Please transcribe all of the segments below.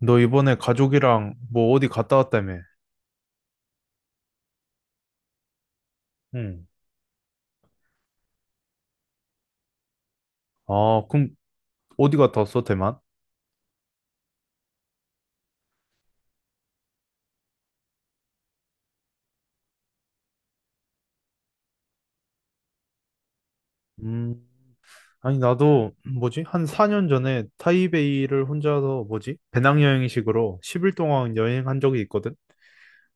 너 이번에 가족이랑 뭐 어디 갔다 왔다며? 응. 아, 그럼 어디 갔다 왔어, 대만? 음. 아니, 나도 뭐지? 한 4년 전에 타이베이를 혼자서 뭐지? 배낭여행식으로 10일 동안 여행한 적이 있거든?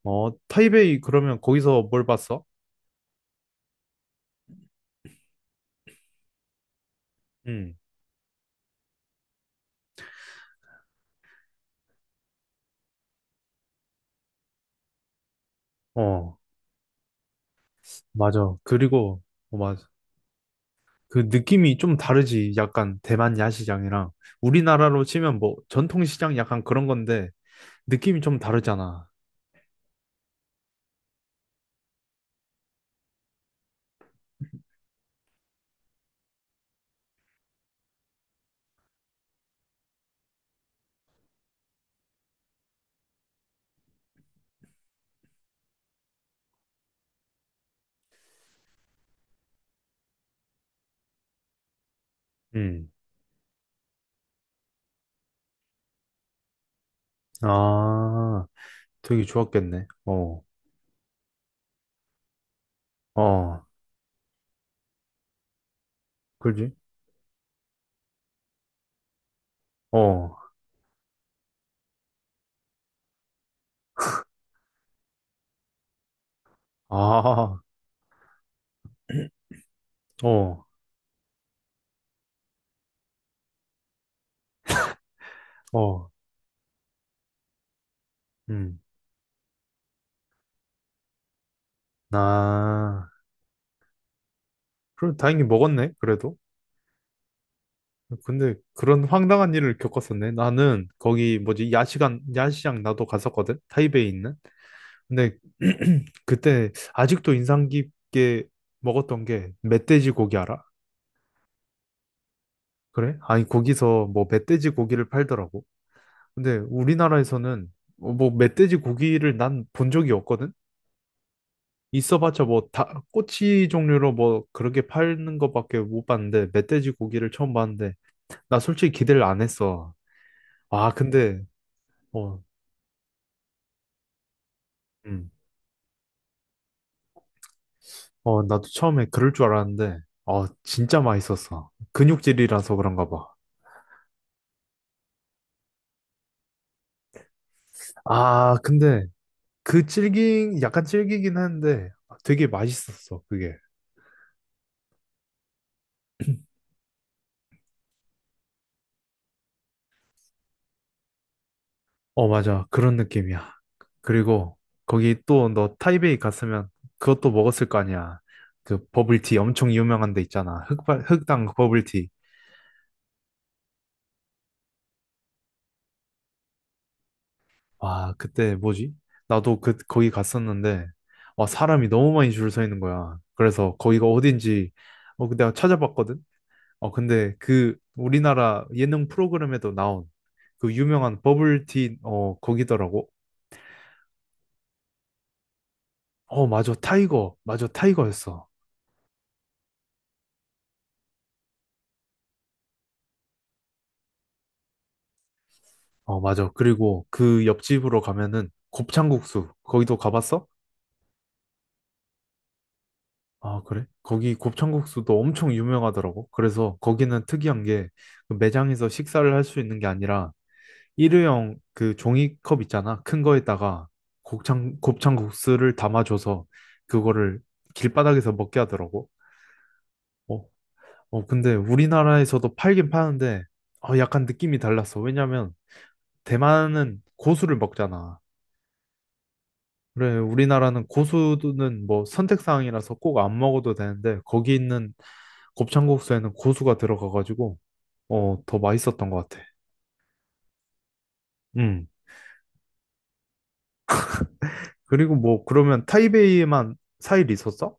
어, 타이베이 그러면 거기서 뭘 봤어? 응. 어, 맞아. 그리고, 어, 맞아. 그 느낌이 좀 다르지. 약간 대만 야시장이랑 우리나라로 치면 뭐 전통시장 약간 그런 건데 느낌이 좀 다르잖아. 응. 아, 되게 좋았겠네. 어. 어, 그지? 어. 아. 어. 어. 음. 나, 그럼 다행히 먹었네, 그래도. 근데 그런 황당한 일을 겪었었네. 나는 거기 뭐지, 야시장 나도 갔었거든? 타이베이 있는. 근데 그때 아직도 인상 깊게 먹었던 게 멧돼지 고기 알아? 그래? 아니, 거기서 뭐 멧돼지 고기를 팔더라고. 근데 우리나라에서는 뭐 멧돼지 고기를 난 본 적이 없거든? 있어봤자 뭐 다 꼬치 종류로 뭐 그렇게 파는 것밖에 못 봤는데 멧돼지 고기를 처음 봤는데 나 솔직히 기대를 안 했어. 아, 근데. 어. 음. 어, 나도 처음에 그럴 줄 알았는데 어, 진짜 맛있었어. 근육질이라서 그런가 봐. 아, 근데 그 질긴 약간 질기긴 한데 되게 맛있었어 그게. 어, 맞아. 그런 느낌이야. 그리고 거기 또 너 타이베이 갔으면 그것도 먹었을 거 아니야. 그 버블티 엄청 유명한 데 있잖아. 흑당 버블티. 와, 그때 뭐지? 나도 그, 거기 갔었는데, 와, 사람이 너무 많이 줄 서 있는 거야. 그래서 거기가 어딘지, 어, 그 내가 찾아봤거든? 어, 근데 그 우리나라 예능 프로그램에도 나온 그 유명한 버블티, 거기더라고. 어, 맞아. 타이거. 맞아. 타이거였어. 어, 맞아. 그리고 그 옆집으로 가면은 곱창국수. 거기도 가봤어? 아, 그래? 거기 곱창국수도 엄청 유명하더라고. 그래서 거기는 특이한 게그 매장에서 식사를 할 수 있는 게 아니라 일회용 그 종이컵 있잖아. 큰 거에다가 곱창국수를 담아줘서 그거를 길바닥에서 먹게 하더라고. 어. 어, 근데 우리나라에서도 팔긴 파는데 약간 느낌이 달랐어. 왜냐면 대만은 고수를 먹잖아. 그래, 우리나라는 고수는 뭐 선택사항이라서 꼭 안 먹어도 되는데, 거기 있는 곱창국수에는 고수가 들어가가지고, 더 맛있었던 것 같아. 음. 그리고 뭐, 그러면 타이베이에만 4일 있었어?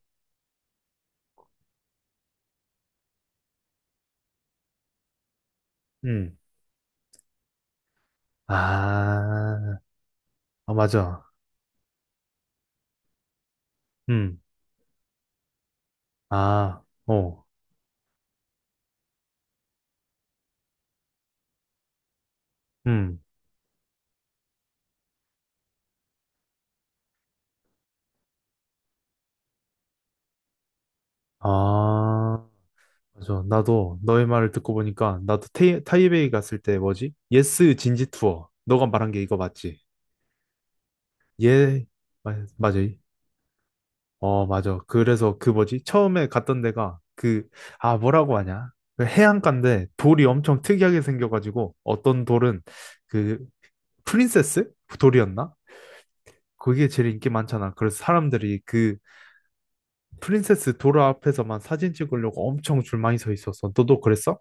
음. 아. 아, 맞아. 음. 아, 어. 음. 아, 맞아. 나도 너의 말을 듣고 보니까, 나도 타이베이 갔을 때 뭐지? 예스 진지 투어. 너가 말한 게 이거 맞지? 예, 맞아. 어, 맞아. 그래서 그 뭐지? 처음에 갔던 데가 그, 아, 뭐라고 하냐? 그 해안가인데 돌이 엄청 특이하게 생겨가지고 어떤 돌은 그 프린세스 그 돌이었나? 그게 제일 인기 많잖아. 그래서 사람들이 그 프린세스 돌 앞에서만 사진 찍으려고 엄청 줄 많이 서 있었어. 너도 그랬어?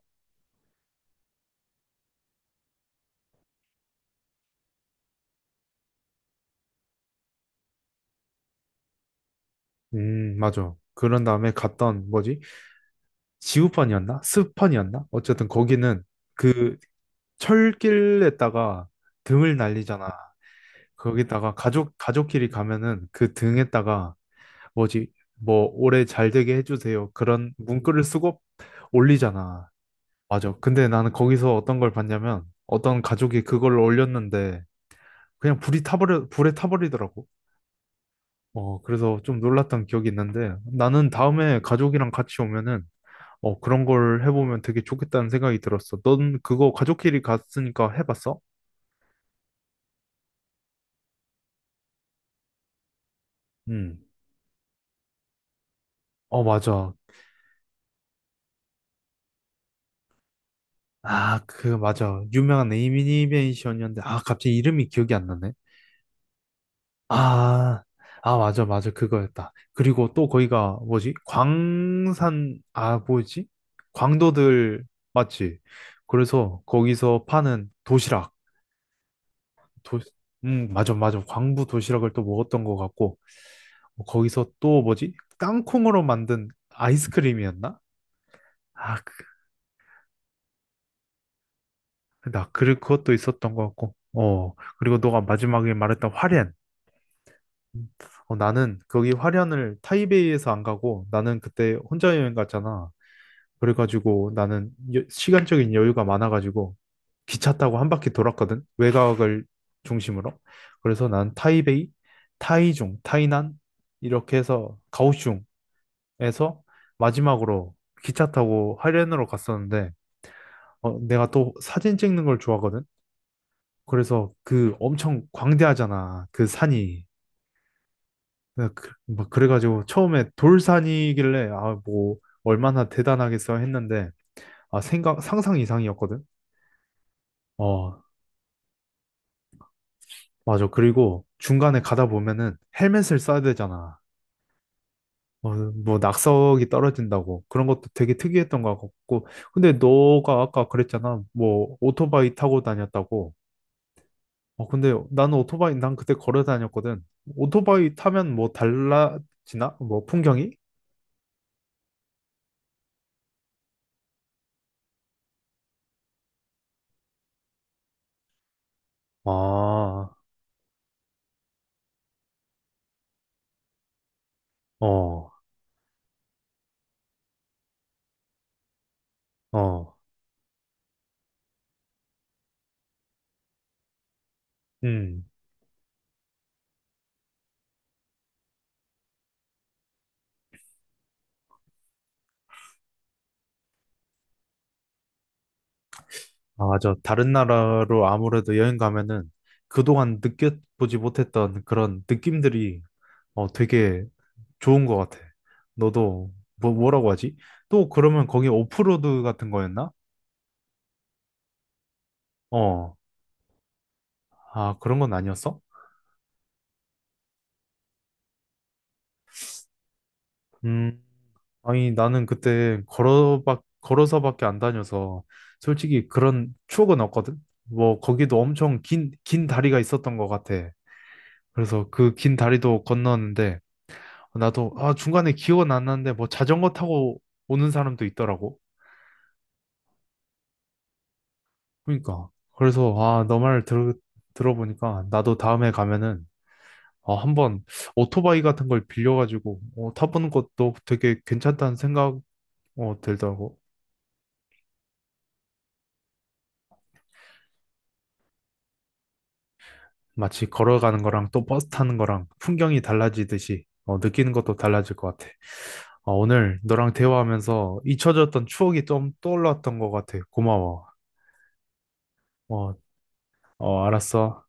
맞아. 그런 다음에 갔던 뭐지? 지우펀이었나? 스펀이었나? 어쨌든 거기는 그 철길에다가 등을 날리잖아. 거기다가 가족끼리 가면은 그 등에다가 뭐지 뭐 올해 잘 되게 해주세요 그런 문구를 쓰고 올리잖아. 맞아. 근데 나는 거기서 어떤 걸 봤냐면 어떤 가족이 그걸 올렸는데 그냥 불이 타버려 불에 타버리더라고. 어, 그래서 좀 놀랐던 기억이 있는데 나는 다음에 가족이랑 같이 오면은 어, 그런 걸 해보면 되게 좋겠다는 생각이 들었어. 넌 그거 가족끼리 갔으니까 해봤어? 응. 어, 맞아. 아, 그, 맞아. 유명한 애니메이션이었는데, 아, 갑자기 이름이 기억이 안 나네. 아, 아, 맞아, 맞아. 그거였다. 그리고 또 거기가 뭐지? 광산, 아, 뭐지? 광도들, 맞지? 그래서 거기서 파는 도시락. 도, 맞아, 맞아. 광부 도시락을 또 먹었던 것 같고, 거기서 또 뭐지? 땅콩으로 만든 아이스크림이었나? 아, 그, 나, 그, 그것도 있었던 것 같고, 어. 그리고 너가 마지막에 말했던 화렌. 어, 나는 거기 화련을 타이베이에서 안 가고 나는 그때 혼자 여행 갔잖아. 그래가지고 나는 시간적인 여유가 많아가지고 기차 타고 한 바퀴 돌았거든. 외곽을 중심으로. 그래서 난 타이베이, 타이중, 타이난 이렇게 해서 가오슝에서 마지막으로 기차 타고 화련으로 갔었는데 어, 내가 또 사진 찍는 걸 좋아하거든. 그래서 그 엄청 광대하잖아. 그 산이. 네, 그, 막 그래가지고 처음에 돌산이길래 아 뭐 얼마나 대단하겠어 했는데 아 생각 상상 이상이었거든. 어, 맞아. 그리고 중간에 가다 보면은 헬멧을 써야 되잖아. 어, 뭐 낙석이 떨어진다고 그런 것도 되게 특이했던 것 같고. 근데 너가 아까 그랬잖아. 뭐 오토바이 타고 다녔다고. 어, 근데 나는 오토바이 난 그때 걸어 다녔거든. 오토바이 타면 뭐 달라지나? 뭐 풍경이? 아. 어. 어. 음. 아, 맞아. 다른 나라로 아무래도 여행 가면은 그동안 느껴보지 못했던 그런 느낌들이 되게 좋은 것 같아. 너도 뭐, 뭐라고 하지? 또 그러면 거기 오프로드 같은 거였나? 어, 아, 그런 건 아니었어? 음, 아니, 나는 그때 걸어서밖에 안 다녀서 솔직히 그런 추억은 없거든? 뭐, 거기도 엄청 긴, 긴 다리가 있었던 것 같아. 그래서 그 긴 다리도 건너는데 나도 아 중간에 기억은 안 나는데 뭐 자전거 타고 오는 사람도 있더라고. 그러니까 그래서 아 너 말 들어보니까 나도 다음에 가면은 어, 한번 오토바이 같은 걸 빌려가지고 어, 타보는 것도 되게 괜찮다는 생각 들더라고. 마치 걸어가는 거랑 또 버스 타는 거랑 풍경이 달라지듯이 느끼는 것도 달라질 것 같아. 어, 오늘 너랑 대화하면서 잊혀졌던 추억이 좀 떠올랐던 것 같아. 고마워. 어, 어, 알았어.